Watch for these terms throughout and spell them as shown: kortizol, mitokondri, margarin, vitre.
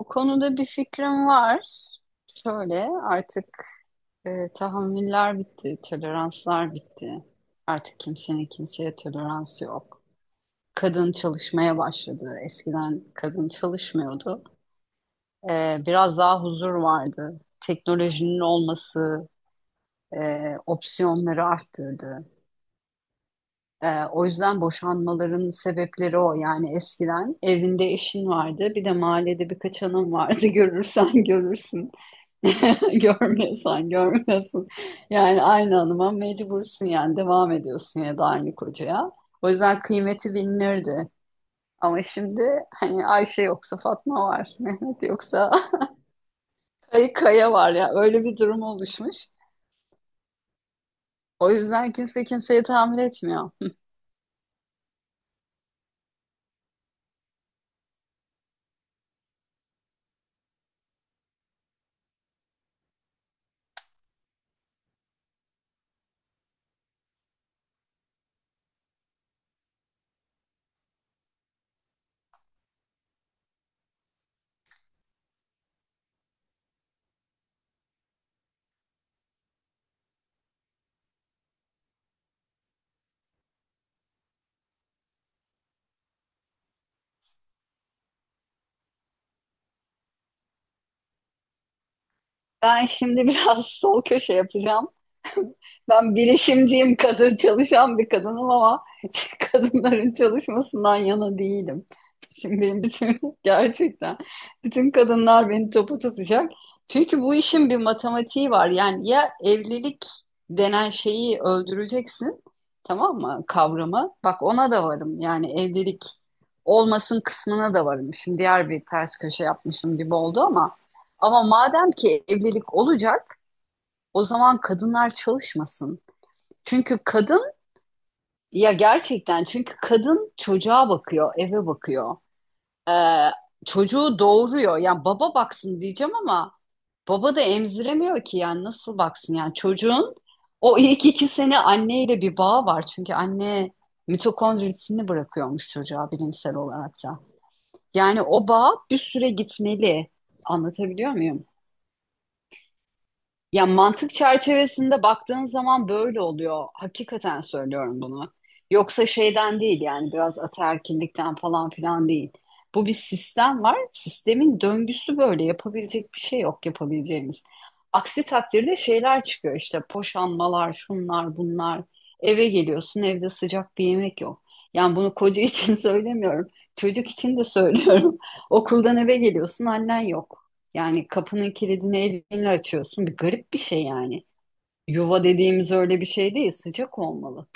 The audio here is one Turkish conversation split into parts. Bu konuda bir fikrim var. Şöyle artık tahammüller bitti, toleranslar bitti. Artık kimsenin kimseye toleransı yok. Kadın çalışmaya başladı. Eskiden kadın çalışmıyordu. Biraz daha huzur vardı. Teknolojinin olması e, opsiyonları arttırdı. O yüzden boşanmaların sebepleri o. Yani eskiden evinde eşin vardı, bir de mahallede birkaç hanım vardı. Görürsen görürsün. Görmüyorsan görmüyorsun. Yani aynı hanıma mecbursun yani devam ediyorsun ya da aynı kocaya. O yüzden kıymeti bilinirdi. Ama şimdi hani Ayşe yoksa Fatma var, Mehmet yoksa Kaya Kaya var ya, öyle bir durum oluşmuş. O yüzden kimse kimseyi tahammül etmiyor. Ben şimdi biraz sol köşe yapacağım. Ben bilişimciyim, kadın çalışan bir kadınım ama kadınların çalışmasından yana değilim. Şimdi bütün gerçekten bütün kadınlar beni topu tutacak. Çünkü bu işin bir matematiği var. Yani ya evlilik denen şeyi öldüreceksin, tamam mı? Kavramı. Bak, ona da varım. Yani evlilik olmasın kısmına da varım. Şimdi diğer bir ters köşe yapmışım gibi oldu ama madem ki evlilik olacak, o zaman kadınlar çalışmasın. Çünkü kadın çünkü kadın çocuğa bakıyor, eve bakıyor. Ee, çocuğu doğuruyor. Yani baba baksın diyeceğim ama baba da emziremiyor ki, yani nasıl baksın? Yani çocuğun o ilk 2 sene anneyle bir bağı var. Çünkü anne mitokondrisini bırakıyormuş çocuğa, bilimsel olarak da. Yani o bağ bir süre gitmeli. Anlatabiliyor muyum? Ya mantık çerçevesinde baktığın zaman böyle oluyor. Hakikaten söylüyorum bunu. Yoksa şeyden değil, yani biraz ataerkillikten falan filan değil. Bu bir sistem var. Sistemin döngüsü böyle. Yapabilecek bir şey yok, yapabileceğimiz. Aksi takdirde şeyler çıkıyor işte, poşanmalar, şunlar, bunlar. Eve geliyorsun, evde sıcak bir yemek yok. Yani bunu koca için söylemiyorum. Çocuk için de söylüyorum. Okuldan eve geliyorsun, annen yok. Yani kapının kilidini elinle açıyorsun. Bir garip bir şey yani. Yuva dediğimiz öyle bir şey değil. Sıcak olmalı.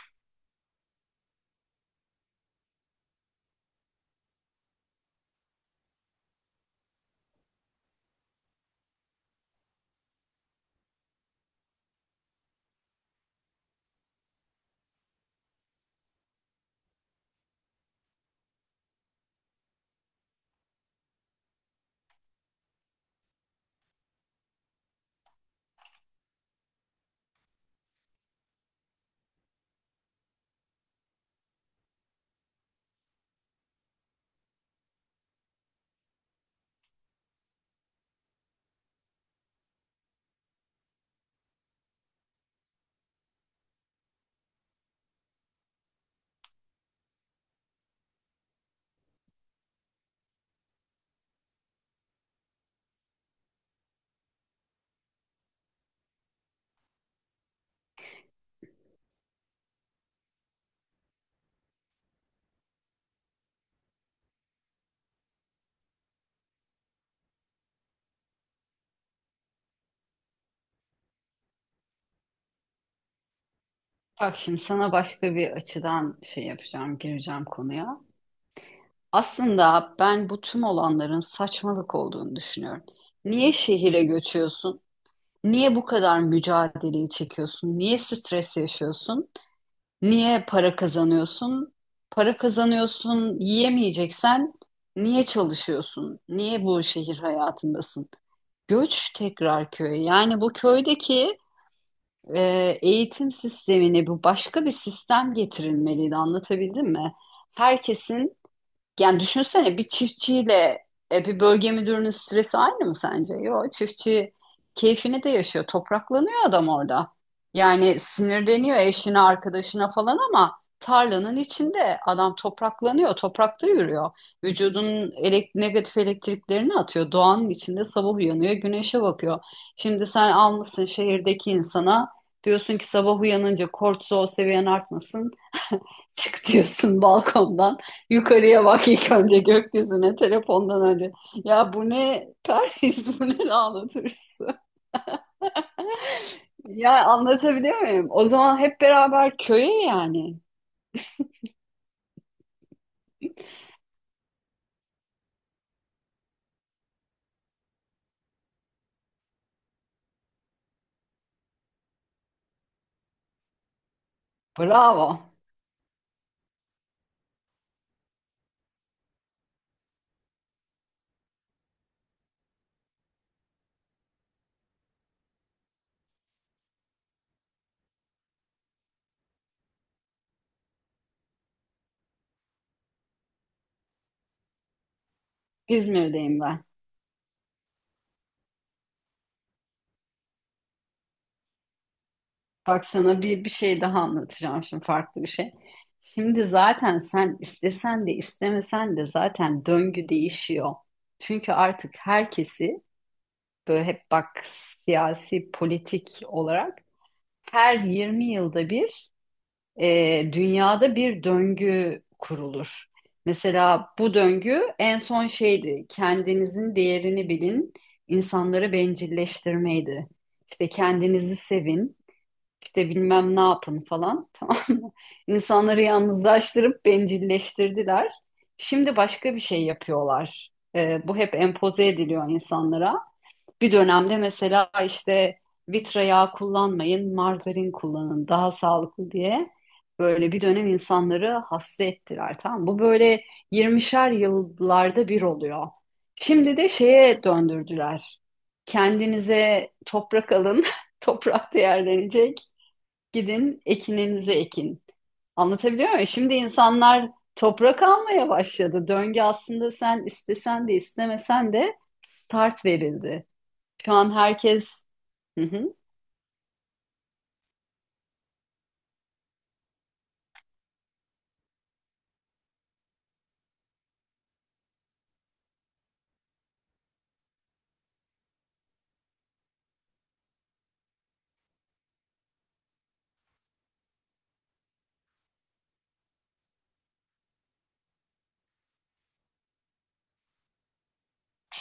Bak şimdi sana başka bir açıdan şey yapacağım, gireceğim konuya. Aslında ben bu tüm olanların saçmalık olduğunu düşünüyorum. Niye şehire göçüyorsun? Niye bu kadar mücadeleyi çekiyorsun? Niye stres yaşıyorsun? Niye para kazanıyorsun? Para kazanıyorsun, yiyemeyeceksen niye çalışıyorsun? Niye bu şehir hayatındasın? Göç tekrar köye. Yani bu köydeki e, eğitim sistemine bu, başka bir sistem getirilmeliydi. Anlatabildim mi? Herkesin, yani düşünsene, bir çiftçiyle bir bölge müdürünün stresi aynı mı sence? Yok, çiftçi keyfini de yaşıyor. Topraklanıyor adam orada. Yani sinirleniyor eşine, arkadaşına falan ama tarlanın içinde adam topraklanıyor, toprakta yürüyor. Vücudunun negatif elektriklerini atıyor. Doğanın içinde sabah uyanıyor, güneşe bakıyor. Şimdi sen almışsın şehirdeki insana, diyorsun ki sabah uyanınca kortizol seviyen artmasın. Çık diyorsun balkondan. Yukarıya bak ilk önce, gökyüzüne, telefondan önce. Ya bu ne Paris, bu ne lanet hırsı. Ya anlatabiliyor muyum? O zaman hep beraber köye yani. Bravo. İzmir'deyim ben. Bak sana bir şey daha anlatacağım şimdi, farklı bir şey. Şimdi zaten sen istesen de istemesen de zaten döngü değişiyor. Çünkü artık herkesi böyle hep, bak, siyasi politik olarak her 20 yılda bir dünyada bir döngü kurulur. Mesela bu döngü en son şeydi, kendinizin değerini bilin, insanları bencilleştirmeydi. İşte kendinizi sevin, işte bilmem ne yapın falan, tamam mı? İnsanları yalnızlaştırıp bencilleştirdiler. Şimdi başka bir şey yapıyorlar. Bu hep empoze ediliyor insanlara. Bir dönemde mesela işte vitra yağı kullanmayın, margarin kullanın daha sağlıklı diye böyle bir dönem insanları hasta ettiler. Tamam. Bu böyle 20'şer yıllarda bir oluyor. Şimdi de şeye döndürdüler. Kendinize toprak alın, toprak değerlenecek. Gidin ekininizi ekin. Anlatabiliyor muyum? Şimdi insanlar toprak almaya başladı. Döngü aslında, sen istesen de istemesen de, start verildi. Şu an herkes... Hı hı.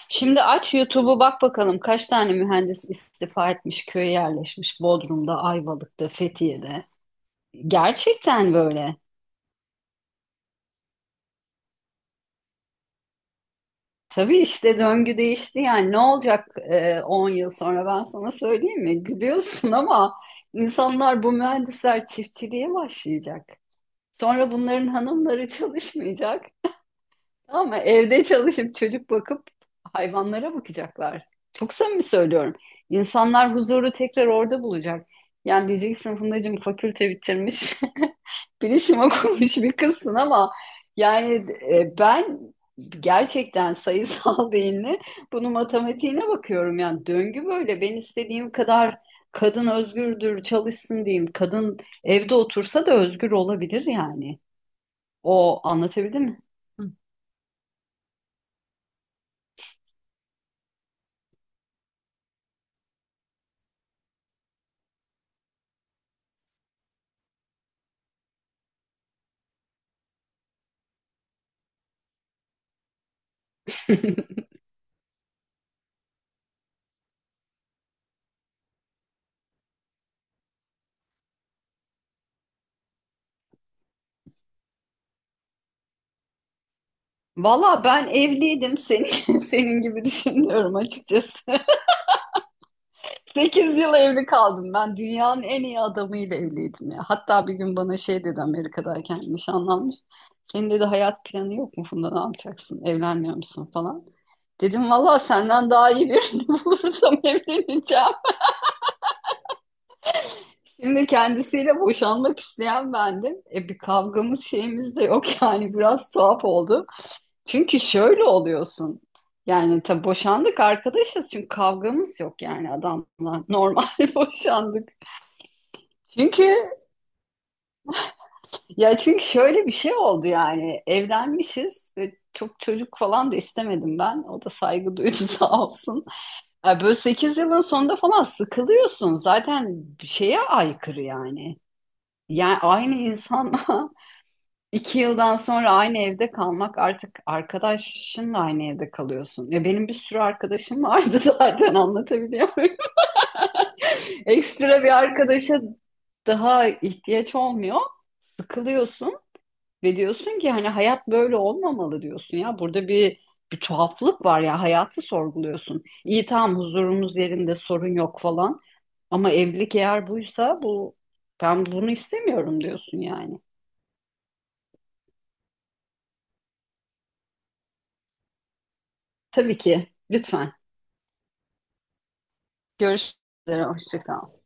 Şimdi aç YouTube'u, bak bakalım kaç tane mühendis istifa etmiş, köye yerleşmiş Bodrum'da, Ayvalık'ta, Fethiye'de. Gerçekten böyle. Tabii işte döngü değişti, yani ne olacak, 10 yıl sonra ben sana söyleyeyim mi? Gülüyorsun ama insanlar, bu mühendisler çiftçiliğe başlayacak. Sonra bunların hanımları çalışmayacak. Ama evde çalışıp çocuk bakıp hayvanlara bakacaklar. Çok samimi söylüyorum. İnsanlar huzuru tekrar orada bulacak. Yani diyeceksin, Fundacığım fakülte bitirmiş, bilişim okumuş bir kızsın ama yani ben gerçekten sayısal değilini, bunu matematiğine bakıyorum. Yani döngü böyle. Ben istediğim kadar kadın özgürdür, çalışsın diyeyim. Kadın evde otursa da özgür olabilir yani. O, anlatabildim mi? Valla ben evliydim, senin, senin gibi düşünüyorum açıkçası. 8 yıl evli kaldım ben, dünyanın en iyi adamıyla evliydim ya. Hatta bir gün bana şey dedi, Amerika'dayken nişanlanmış. Senin dedi hayat planı yok mu Funda, ne yapacaksın, evlenmiyor musun falan. Dedim valla senden daha iyi birini bulursam evleneceğim. Şimdi kendisiyle boşanmak isteyen bendim. E bir kavgamız şeyimiz de yok, yani biraz tuhaf oldu. Çünkü şöyle oluyorsun. Yani tabii boşandık, arkadaşız çünkü kavgamız yok yani adamla. Normal boşandık. Çünkü çünkü şöyle bir şey oldu, yani evlenmişiz ve çok çocuk falan da istemedim ben. O da saygı duydu, sağ olsun. Ya böyle 8 yılın sonunda falan sıkılıyorsun. Zaten bir şeye aykırı yani. Yani aynı insanla 2 yıldan sonra aynı evde kalmak, artık arkadaşınla aynı evde kalıyorsun. Ya benim bir sürü arkadaşım vardı, zaten, anlatabiliyor muyum? Ekstra bir arkadaşa daha ihtiyaç olmuyor. Sıkılıyorsun ve diyorsun ki hani hayat böyle olmamalı diyorsun ya. Burada bir tuhaflık var ya, hayatı sorguluyorsun. İyi, tamam, huzurumuz yerinde, sorun yok falan. Ama evlilik eğer buysa, bu, ben bunu istemiyorum diyorsun yani. Tabii ki, lütfen görüşürüz. Hoşça kal.